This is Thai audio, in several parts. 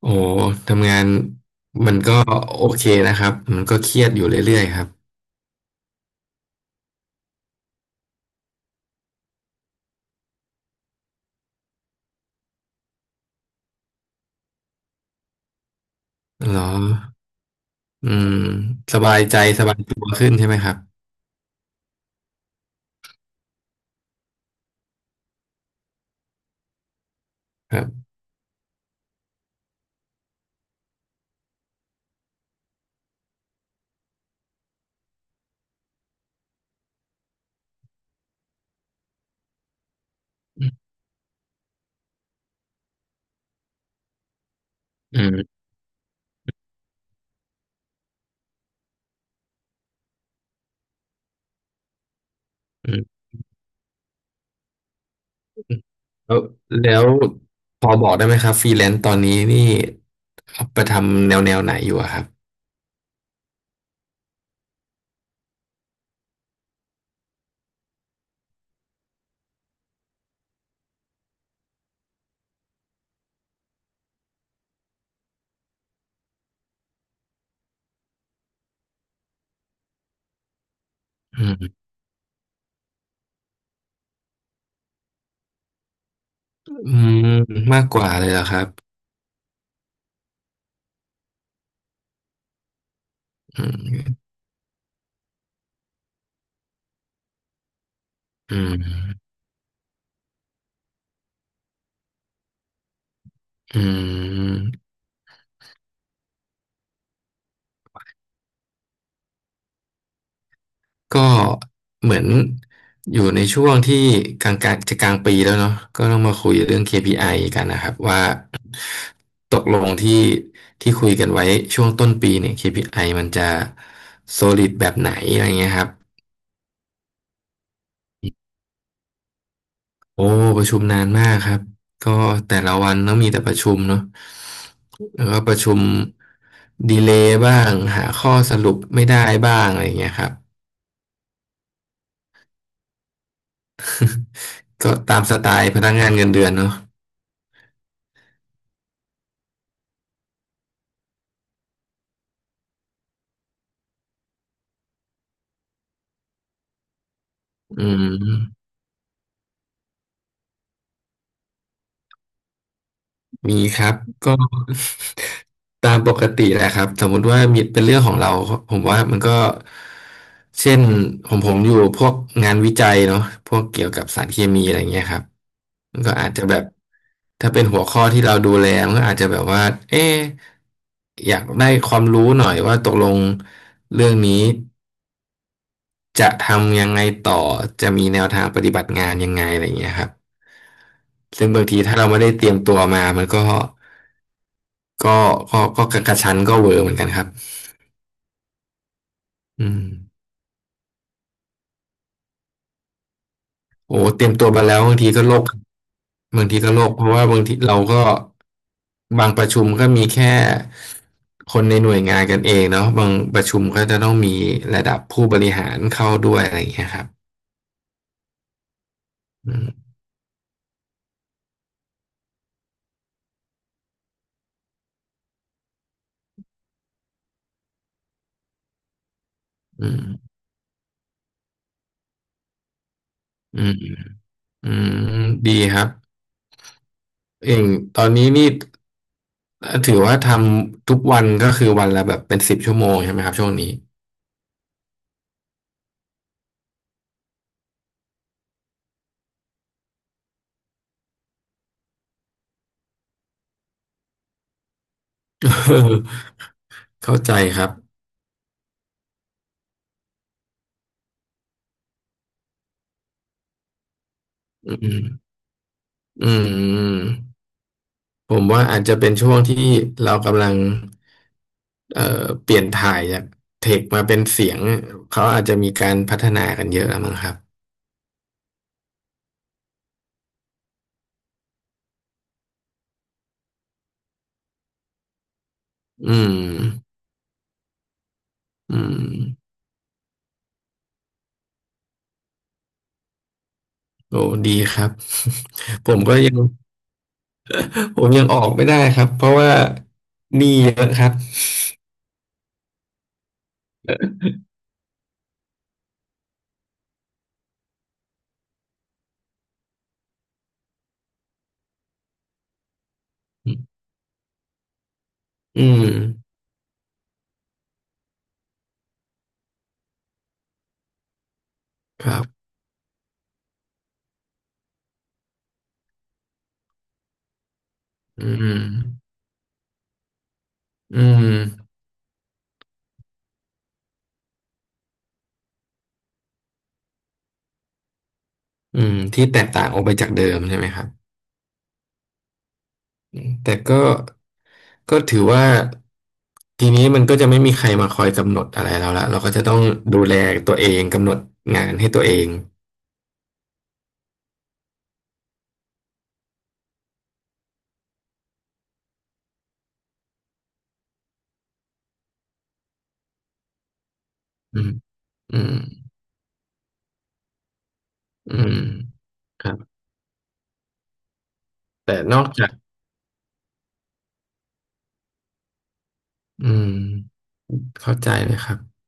โอ้ทำงานมันก็โอเคนะครับมันก็เครียดอยู่เรื่อยๆครับเหรออืมสบายใจสบายตัวขึ้นใช่ไหมครับครับอืมอืมแล้วแล้วพอบอกได้ไหมครับฟรีแลนซ์ตอนนี้นี่เอาไปทำแนวแนวไหนอยู่อะครับอืมอืมมากกว่าเลยเหรอครับอืมอืมอืม ก็เหมือนอยู่ในช่วงที่กลางกลางจะกลางปีแล้วเนาะก็ต้องมาคุยเรื่อง KPI กันนะครับว่าตกลงที่ที่คุยกันไว้ช่วงต้นปีเนี่ย KPI มันจะ solid แบบไหนอะไรเงี้ยครับโอ้ประชุมนานมากครับก็แต่ละวันต้องมีแต่ประชุมเนาะแล้วก็ประชุมดีเลย์บ้างหาข้อสรุปไม่ได้บ้างอะไรเงี้ยครับก็ตามสไตล์พนักงานเงินเดือนเนาะอืม มีครับก็ตามปกติแหละครับสมมุติว่ามีเป็นเรื่องของเราผมว่ามันก็เช่นผมผมอยู่พวกงานวิจัยเนาะพวกเกี่ยวกับสารเคมีอะไรเงี้ยครับมันก็อาจจะแบบถ้าเป็นหัวข้อที่เราดูแลมันก็อาจจะแบบว่าเอ๊ะอยากได้ความรู้หน่อยว่าตกลงเรื่องนี้จะทำยังไงต่อจะมีแนวทางปฏิบัติงานยังไงอะไรเงี้ยครับซึ่งบางทีถ้าเราไม่ได้เตรียมตัวมามันก็ ก็ก็ก็กระชั้นก็เวอร์เหมือนกันครับอืมโอ้เตรียมตัวมาแล้วบางทีก็โลกบางทีก็โลกเพราะว่าบางทีเราก็บางประชุมก็มีแค่คนในหน่วยงานกันเองเนาะบางประชุมก็จะต้องมีระดับผู้บริหารเข้าด้วยอะไรอย่างเงี้ยครับอืมอืมอืมอืมดีครับเองตอนนี้นี่ถือว่าทำทุกวันก็คือวันละแบบเป็นสิบชั่วโมงใช่ไหมครับช่วงนี้ เข้าใจครับอืม อืมผมว่าอาจจะเป็นช่วงที่เรากำลังเปลี่ยนถ่ายจากเทคมาเป็นเสียงเขาอาจจะมีการพัฒนากันเยอะแล้วมั้งครับอืมอืมโอ้ดีครับ ผมก็ยัง ผมยังออกไม่ได้ครับเพราะว่าหนี้เยอะครับอืมครับอืมอืมอืมที่แตกต่างออกไปจากเดิมใช่ไหมครับแต่ก็ ก็ถือว่าทีนี้มันก็จะไม่มีใครมาคอยกำหนดอะไรแล้วละเราก็จะต้องดูแลตัวเองกำหนดงานให้ตัวเองอืมอืมอืมครับแต่นอกจากอืมเข้าใจเลยครับ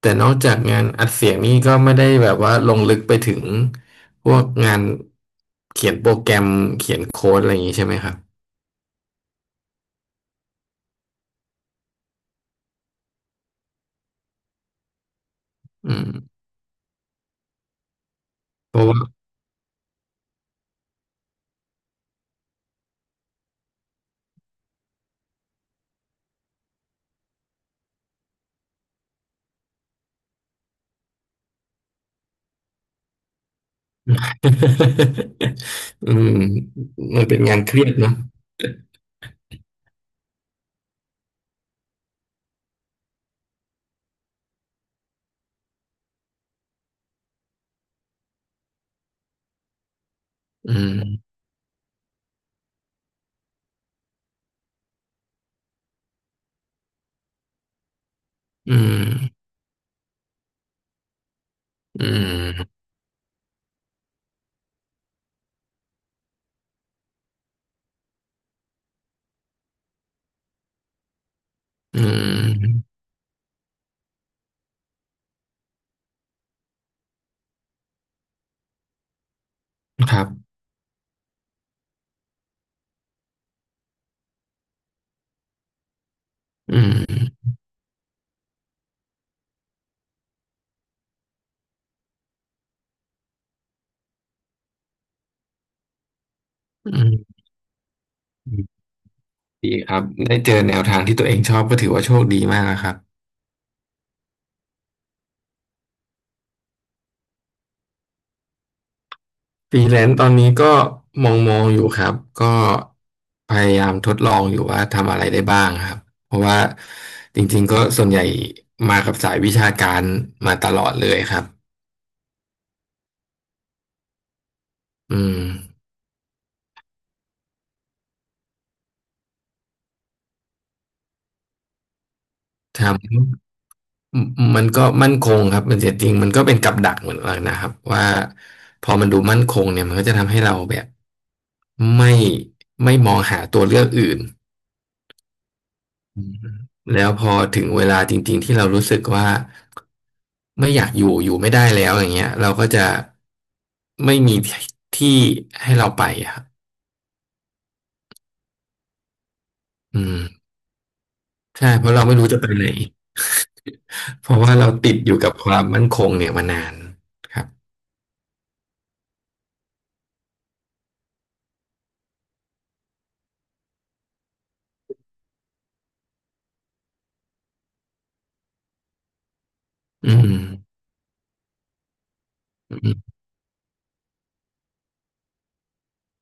แต่นอกจากงานอัดเสียงนี่ก็ไม่ได้แบบว่าลงลึกไปถึงพวกงานเขียนโปรแกรมเขียนโค้ดอะไรอย่างนี้ใช่ไหมครับอืมเพราะว่า อืมมันเป็นงานเครียดเนอะอืมอืมอืม อืมครับอืมอืมดีครับได้เจอแนวทางที่ตัวเองชอบก็ถือว่าโชคดีมากนะครับฟรีแลนซ์ตอนนี้ก็มองมองอยู่ครับก็พยายามทดลองอยู่ว่าทำอะไรได้บ้างครับเพราะว่าจริงๆก็ส่วนใหญ่มากับสายวิชาการมาตลอดเลยครับอืมทำ อืมอืมมันก็มั่นคงครับมันเสียจริงมันก็เป็นกับดักเหมือนกันนะครับว่าพอมันดูมั่นคงเนี่ยมันก็จะทำให้เราแบบไม่ไม่มองหาตัวเลือกอื่นอืมแล้วพอถึงเวลาจริงๆที่เรารู้สึกว่าไม่อยากอยู่อยู่ไม่ได้แล้วอย่างเงี้ยเราก็จะไม่มีที่ให้เราไปอะครับอืมใช่เพราะเราไม่รู้จะไปไหน เพราะว่าเราติดอยู่กับความมั่นคงเนี่ยมานานครับอืมอืม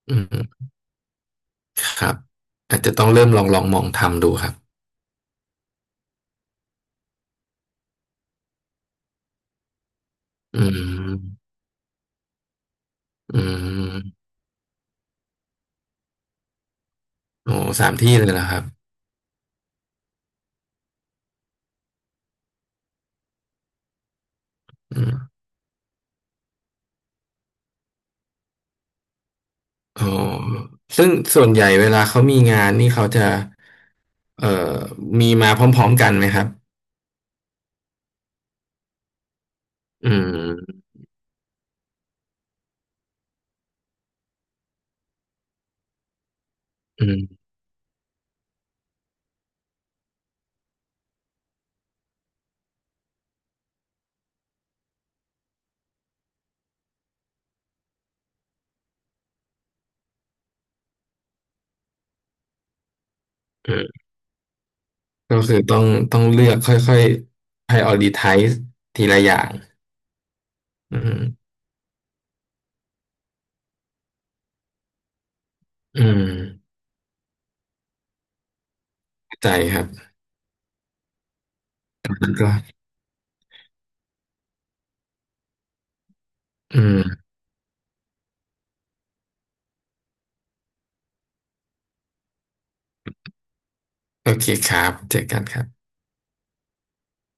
อืม ครับอาจจะต้องเริ่มลองลองมองทำดูครับอืมอืมโอ้สามที่เลยนะครับอืมอ๋อซึ่งส่วนใหญ่เวลาเขามีงานนี่เขาจะเอ่อมีมาพร้อมๆกันไหมครับอืมอืมอืมก็คือต้องต้องเลือกค่อยๆ prioritize ทีละอย่างอืมอืมเข้าใจครับแล้วก็อืมโอเคครับเจอกันครับ